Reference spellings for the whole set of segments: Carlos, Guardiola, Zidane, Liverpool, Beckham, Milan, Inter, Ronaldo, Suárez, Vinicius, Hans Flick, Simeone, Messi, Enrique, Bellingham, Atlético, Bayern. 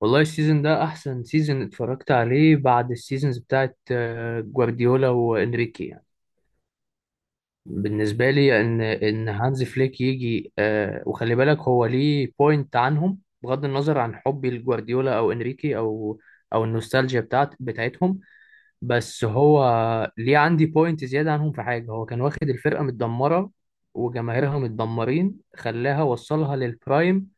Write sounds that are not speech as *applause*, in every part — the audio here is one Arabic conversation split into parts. والله السيزون ده احسن سيزون اتفرجت عليه بعد السيزونز بتاعت جوارديولا وانريكي يعني. بالنسبه لي ان هانز فليك يجي، وخلي بالك هو ليه بوينت عنهم، بغض النظر عن حبي لجوارديولا او انريكي او النوستالجيا بتاعتهم. بس هو ليه عندي بوينت زياده عنهم في حاجه، هو كان واخد الفرقه متدمره وجماهيرها متدمرين، خلاها وصلها للبرايم،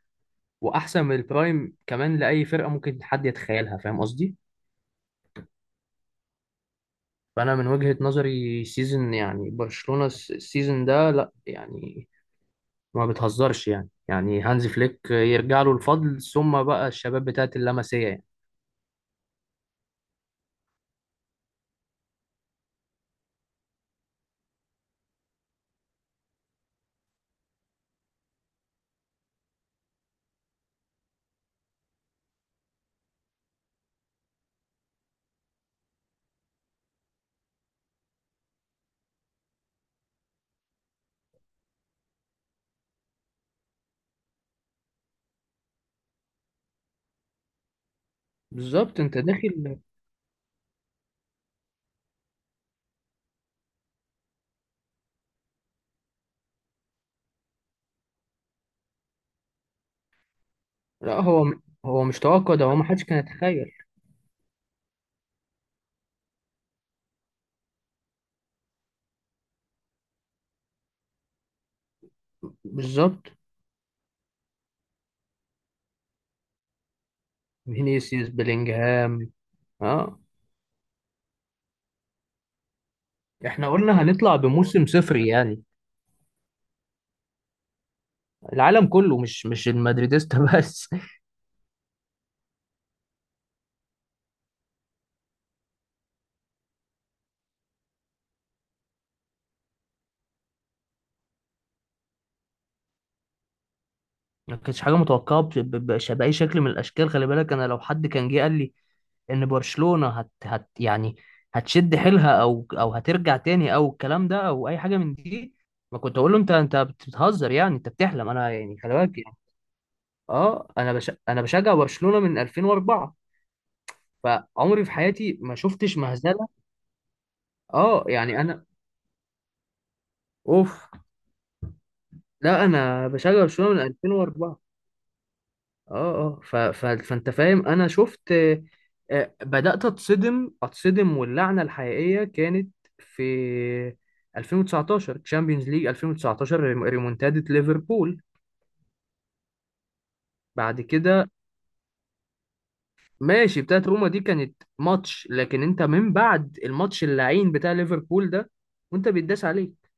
واحسن من البرايم كمان لاي فرقه ممكن حد يتخيلها، فاهم قصدي؟ فانا من وجهة نظري سيزن يعني برشلونة السيزون ده، لا يعني ما بتهزرش، يعني هانز فليك يرجع له الفضل، ثم بقى الشباب بتاعت اللمسية يعني. بالظبط انت داخل. لا هو مش توقع، ده هو ما حدش كان يتخيل. بالظبط. فينيسيوس بلينجهام. اه، احنا قلنا هنطلع بموسم صفري يعني. العالم كله مش المدريديستا *laughs* بس. ما كانتش حاجه متوقعه باي شكل من الاشكال. خلي بالك، انا لو حد كان جه قال لي ان برشلونة هت يعني هتشد حيلها، او هترجع تاني، او الكلام ده، او اي حاجة من دي، ما كنت اقول له انت بتهزر يعني، انت بتحلم، انا يعني خلي بالك يعني. اه، انا بشجع برشلونة من 2004. فعمري في حياتي ما شفتش مهزلة. اه يعني انا، اوف. لا انا بشجع برشلونة من 2004. اه، اه، فانت فاهم انا شفت، بدأت اتصدم، واللعنة الحقيقية كانت في 2019، تشامبيونز ليج 2019، ريمونتادة ليفربول. بعد كده، ماشي، بتاعت روما دي كانت ماتش، لكن انت من بعد الماتش اللعين بتاع ليفربول ده، وانت بيتداس عليك،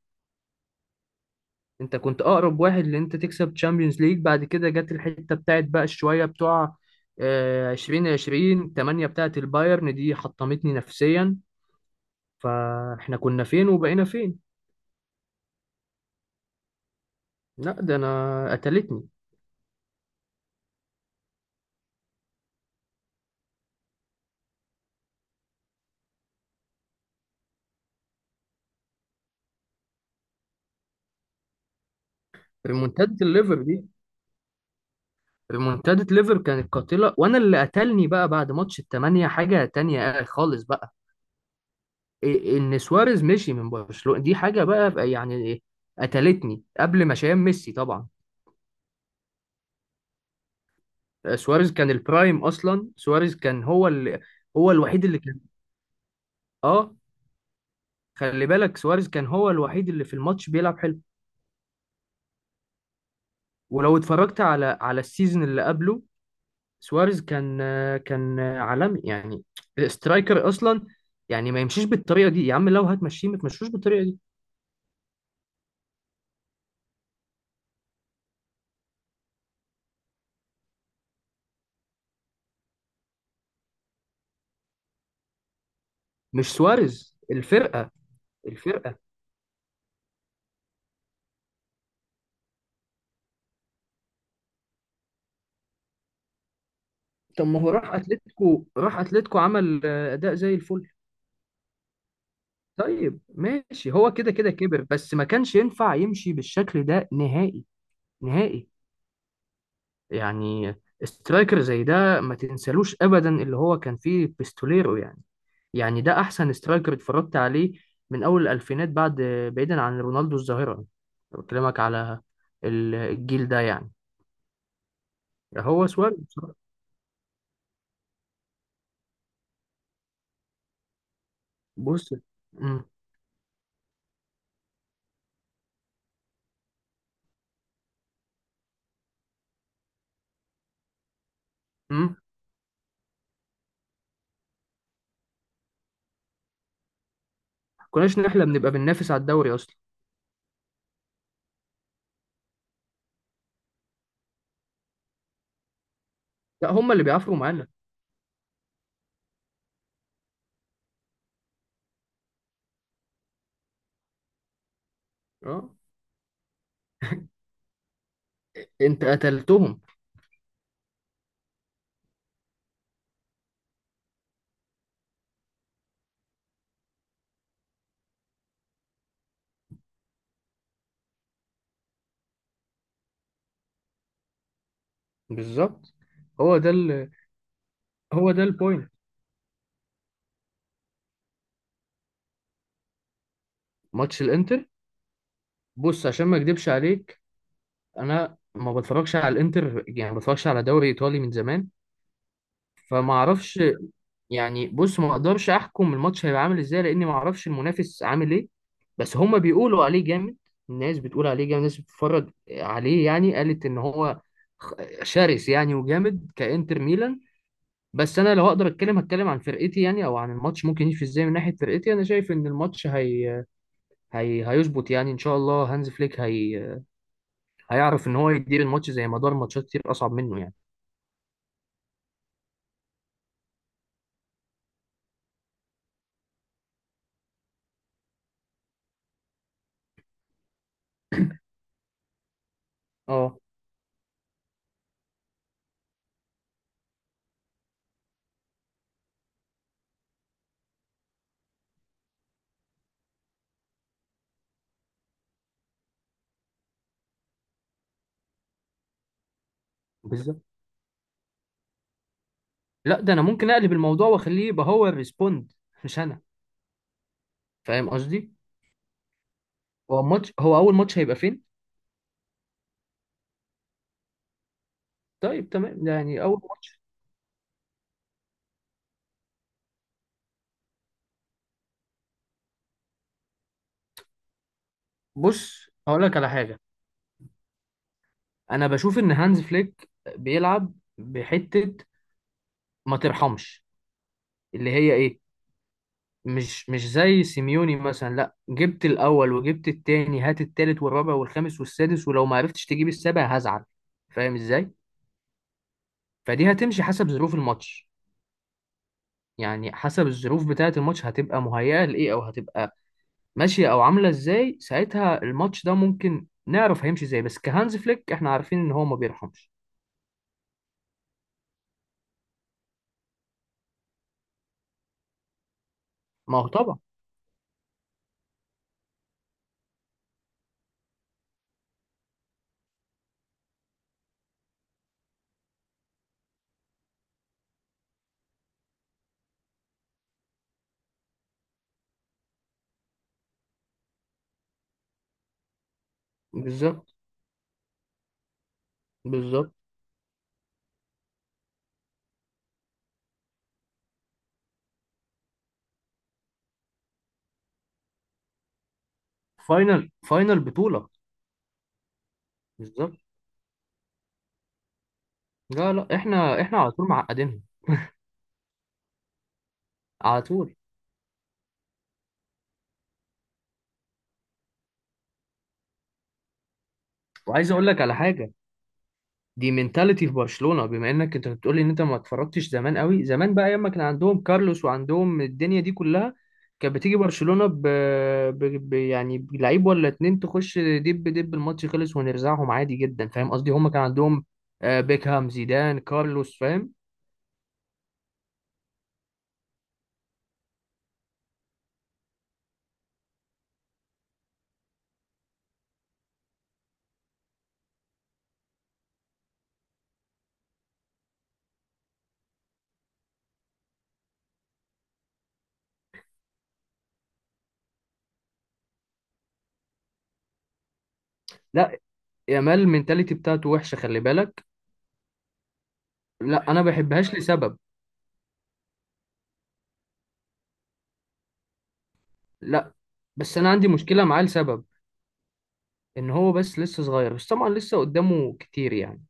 انت كنت اقرب واحد لان انت تكسب تشامبيونز ليج. بعد كده جت الحتة بتاعت بقى شوية بتوع 2020 8 بتاعت البايرن دي، حطمتني نفسيا. فاحنا كنا فين وبقينا فين. لا ده انا قتلتني. ريمونتادة الليفر دي، ريمونتادة ليفر كانت قاتلة، وانا اللي قتلني بقى بعد ماتش التمانية حاجة تانية خالص بقى. ان سواريز مشي من برشلونة، دي حاجة بقى يعني إيه، قتلتني قبل ما شايف ميسي طبعا. سواريز كان البرايم اصلا، سواريز كان هو الوحيد اللي كان، اه. خلي بالك، سواريز كان هو الوحيد اللي في الماتش بيلعب حلو، ولو اتفرجت على السيزون اللي قبله، سواريز كان عالمي يعني، الاسترايكر اصلا. يعني ما يمشيش بالطريقه دي يا عم، لو هتمشيه ما تمشوش بالطريقه دي. مش سواريز، الفرقه. طب ما هو راح اتلتيكو عمل اداء زي الفل. طيب ماشي، هو كده كده كبر، بس ما كانش ينفع يمشي بالشكل ده نهائي، نهائي. يعني سترايكر زي ده ما تنسالوش ابدا، اللي هو كان فيه بيستوليرو يعني ده احسن سترايكر اتفرجت عليه من اول الالفينات، بعد، بعيدا عن رونالدو الظاهره، أنا بكلمك على الجيل ده يعني. هو سواريز بصراحة. بص، امم امم كناش نحلم نبقى بننافس على الدوري اصلا. لا هم اللي بيعافروا معانا. اه، انت قتلتهم. بالظبط. هو ده ال... هو ده البوينت. ماتش الانتر، بص عشان ما اكدبش عليك، انا ما بتفرجش على الانتر، يعني ما بتفرجش على دوري ايطالي من زمان، فما اعرفش. يعني بص، ما اقدرش احكم الماتش هيبقى عامل ازاي، لاني ما اعرفش المنافس عامل ايه، بس هما بيقولوا عليه جامد، الناس بتقول عليه جامد، الناس بتتفرج عليه يعني قالت ان هو خ- شرس يعني وجامد، كانتر ميلان. بس انا لو اقدر اتكلم هتكلم عن فرقتي يعني، او عن الماتش ممكن يمشي ازاي من ناحيه فرقتي، انا شايف ان الماتش هيظبط يعني، ان شاء الله هانز فليك هيعرف ان هو يدير الماتش زي ما دار ماتشات كتير اصعب منه يعني. اه بالظبط. لا ده انا ممكن اقلب الموضوع واخليه يبقى هو الريسبوند، مش انا، فاهم قصدي؟ هو اول ماتش هيبقى فين؟ طيب تمام يعني اول ماتش. بص هقول لك على حاجه، انا بشوف ان هانز فليك بيلعب بحته، ما ترحمش، اللي هي ايه، مش زي سيميوني مثلا. لا، جبت الاول وجبت التاني، هات التالت والرابع والخامس والسادس، ولو ما عرفتش تجيب السابع هزعل، فاهم ازاي؟ فدي هتمشي حسب ظروف الماتش يعني، حسب الظروف بتاعه الماتش هتبقى مهيئه لايه، او هتبقى ماشيه او عامله ازاي ساعتها، الماتش ده ممكن نعرف هيمشي ازاي، بس كهانز فليك احنا عارفين ان هو ما بيرحمش. ما هو طبعا. بالظبط، بالظبط. فاينل، فاينل بطوله. بالظبط. لا لا، احنا على طول معقدينهم. على طول. وعايز اقول لك على حاجه، دي منتاليتي في برشلونة، بما انك انت بتقولي ان انت ما اتفرجتش زمان قوي، زمان بقى ايام ما كان عندهم كارلوس وعندهم الدنيا دي كلها، كانت بتيجي برشلونة ب... يعني بلعيب ولا اتنين، تخش دب دب، الماتش خلص ونرزعهم عادي جدا، فاهم قصدي؟ هم كان عندهم بيكهام، زيدان، كارلوس، فاهم. لا، يامال المنتاليتي بتاعته وحشة، خلي بالك. لا انا ما بحبهاش لسبب. لا بس انا عندي مشكلة معاه لسبب، ان هو بس لسه صغير، بس طبعا لسه قدامه كتير يعني.